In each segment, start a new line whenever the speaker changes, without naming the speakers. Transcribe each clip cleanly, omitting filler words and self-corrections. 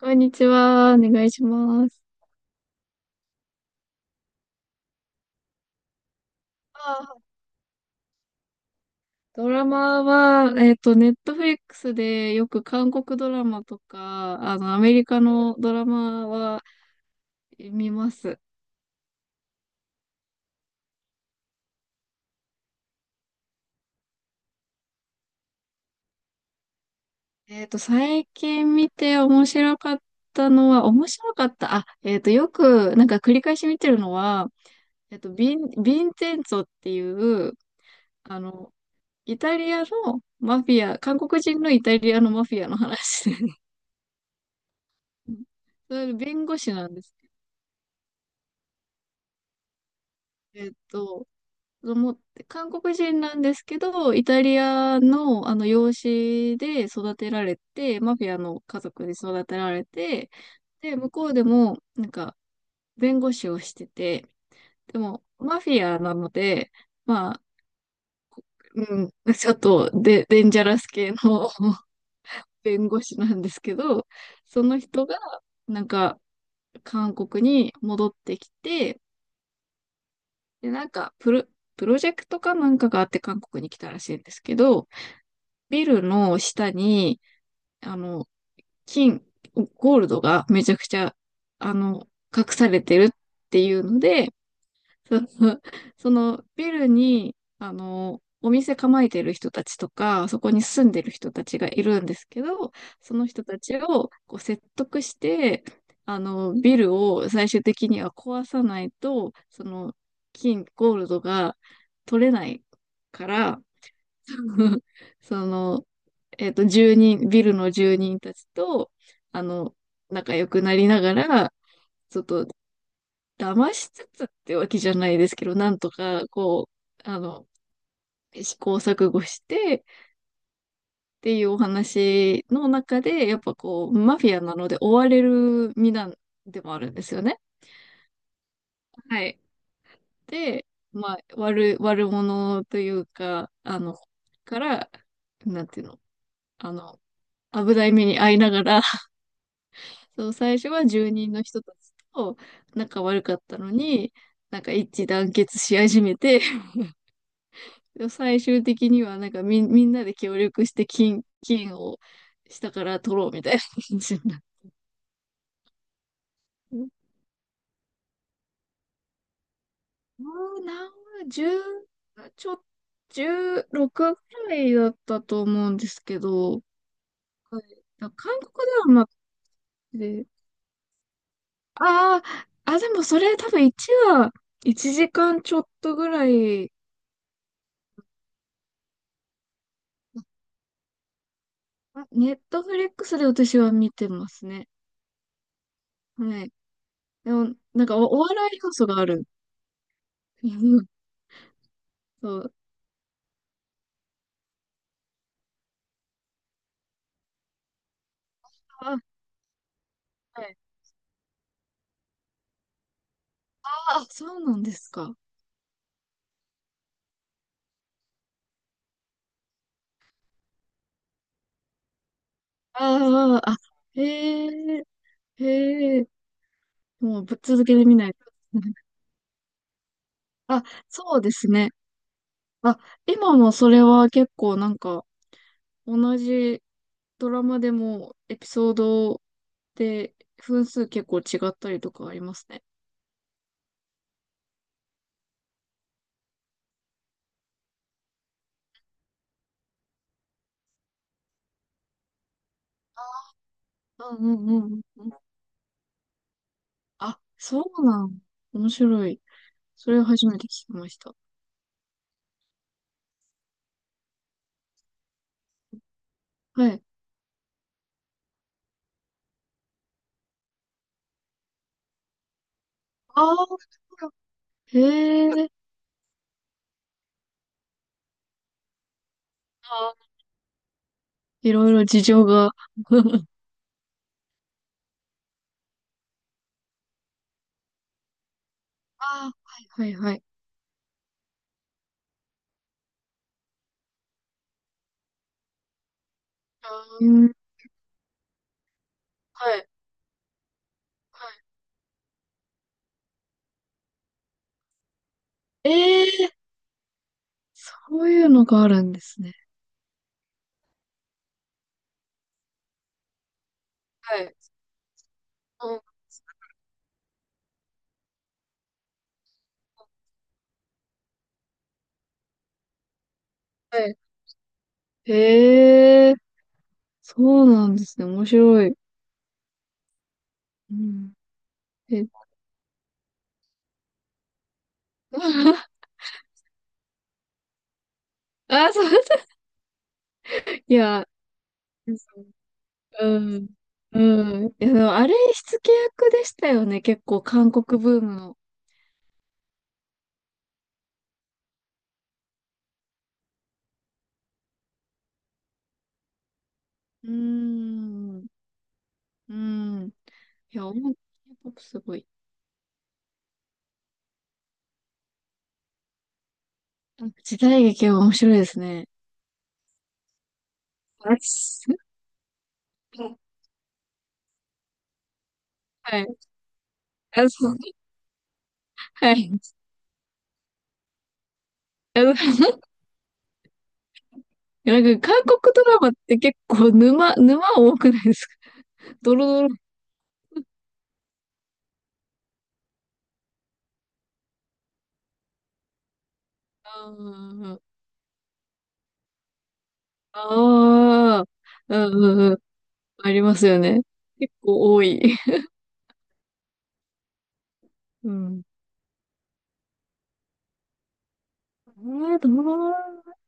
こんにちは。お願いします。あードラマは、ネットフリックスでよく韓国ドラマとか、アメリカのドラマは見ます。最近見て面白かったのは、面白かった。あ、よく、なんか繰り返し見てるのは、ビンチェンツォっていう、あの、イタリアのマフィア、韓国人のイタリアのマフィアの話で それ弁護士なんです。えっと、子供って、韓国人なんですけど、イタリアの、あの養子で育てられて、マフィアの家族で育てられて、で、向こうでも、なんか、弁護士をしてて、でも、マフィアなので、まあ、うん、ちょっとデンジャラス系の 弁護士なんですけど、その人が、なんか、韓国に戻ってきて、で、なんか、プロジェクトかなんかがあって韓国に来たらしいんですけど、ビルの下に、あの、金、ゴールドがめちゃくちゃ、あの、隠されてるっていうので、その、そのビルに、お店構えてる人たちとか、そこに住んでる人たちがいるんですけど、その人たちをこう説得して、ビルを最終的には壊さないと、その、ゴールドが取れないから、その、ビルの住人たちと、あの、仲良くなりながら、ちょっと、騙しつつってわけじゃないですけど、なんとか、こう、試行錯誤してっていうお話の中で、やっぱこう、マフィアなので追われる身なんでもあるんですよね。はい。で、まあ、悪者というか、から、なんていうの、あの、危ない目に遭いながら、そう、最初は住人の人たちと仲悪かったのに、なんか一致団結し始めて、でも最終的にはなんかみんなで協力して金を下から取ろうみたいな感じになって。もう何、十、ちょ、十六くぐらいだったと思うんですけど、はいだ韓国ではなくて、ああ、あ、でもそれ多分1は1時間ちょっとぐらいネットフリックスで私は見てますね。はい。でも、なんかお笑い要素がある。うんそう。あ、はい。あ、そうなんですか。ああ、あ、へえ、へえ、もうぶっ続けで見ないと。あ、そうですね。あ、今もそれは結構なんか、同じドラマでもエピソードで分数結構違ったりとかありますね。うんうんうんうん。あ、そうなん。面白い。それを初めて聞きました。はい。ああ、へえ、あーいろいろ事情が。あー、はい。はいはい。ううん、はい。はい。ええ、そういうのがあるんですね。はい。うん、はい。へえ、そうなんですね。面白い。うん。え、あ、そうそう。いや、うん。うん。いや、でもあれ、火付け役でしたよね。結構、韓国ブームの。うーん。うん。いや、音楽、k ポップすごい。なんか時代劇は面白いですね。あす、はい。あ、そう。はい。あの、なんか韓国ドラマって結構沼多くないですか？ドロドロ。ああ、ああ、うんうんうん。ありますよね。結構多い。うん。えー、どう、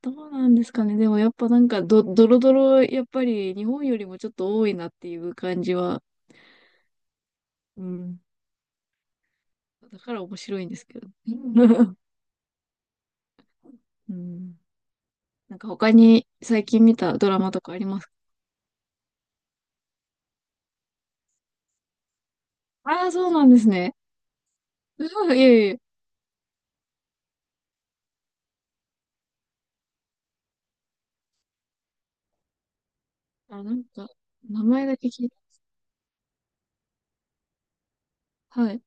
どうなんですかね。でもやっぱなんかドロドロ、やっぱり日本よりもちょっと多いなっていう感じは。うん。だから面白いんですけど。うん。なんか他に最近見たドラマとかありますか？ああー、そうなんですね。うわ、いえいえ。あ、なんか、名前だけ聞いた。はい。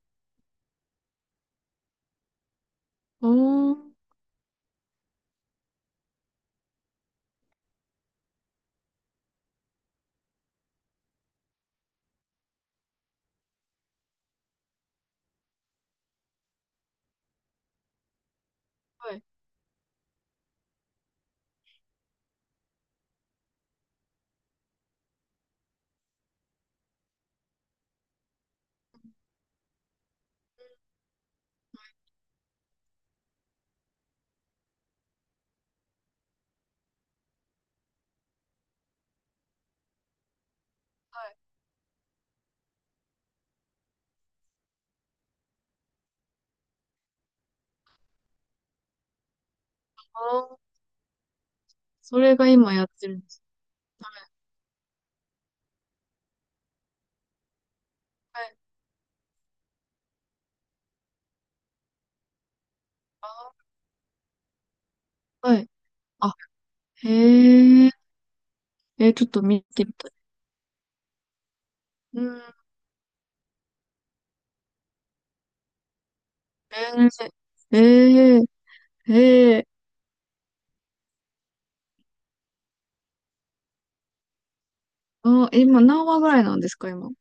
おー。はい。はい。あーそれが今やってるんです。はい。あはい。あ、へえ。えー、ちょっと見てみたい。うん。えー、えー、ええー、あー。今何話ぐらいなんですか、今？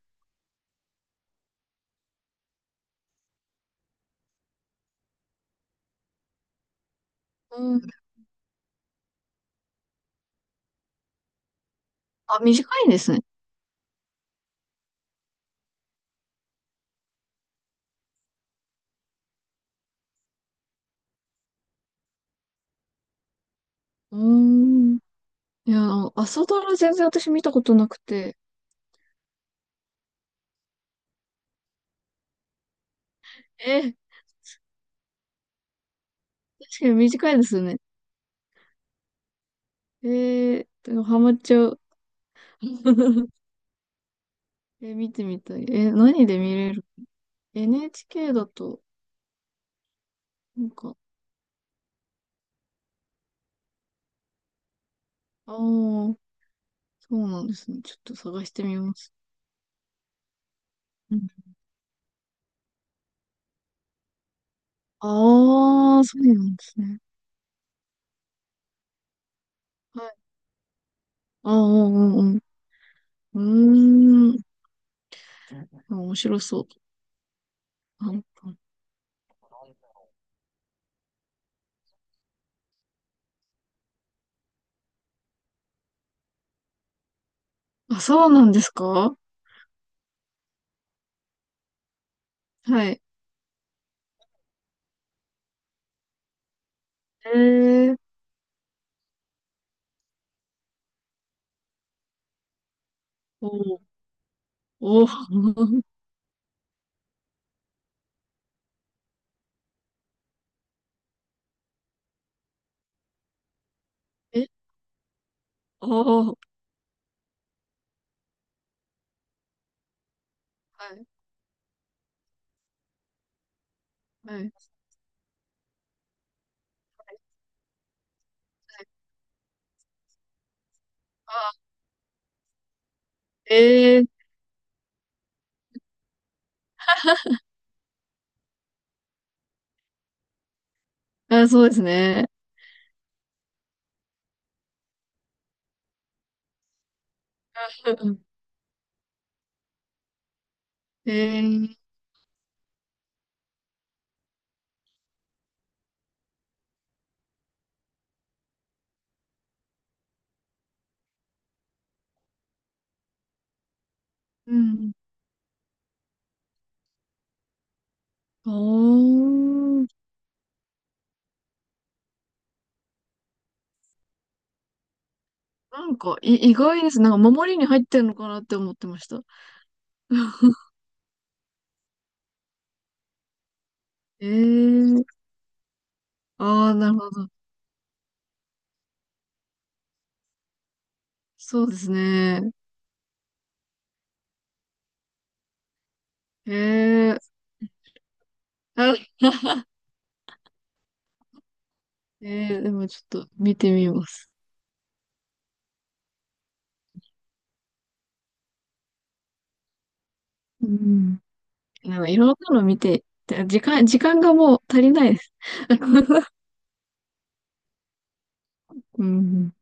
うん。あ、短いんですね。うーん。いや、あの朝ドラ全然私見たことなくて。えー、確かに短いですよね。えー、でもハマっちゃう。え、見てみたい。え、何で見れる？ NHK だと、なんか、ああ、そうなんですね。ちょっと探してみます。うん、ああ、そうなんですね。はい。ああ、うんうんうん。うーん。あ、面白そう。あ、あ、そうなんですか？はい。えー、おーおー。 え、ああ、はい。はい、あ、ええ、あ、そうですね。うん、ええ、うん。おー。なんか、意外です。なんか、守りに入ってるのかなって思ってました。ええ、ああー、なるほど。そうですね。ええ、あ、ええ、でもちょっと見てみます。うん。なんか、いろんなの見て、で時間がもう足りないです。うん。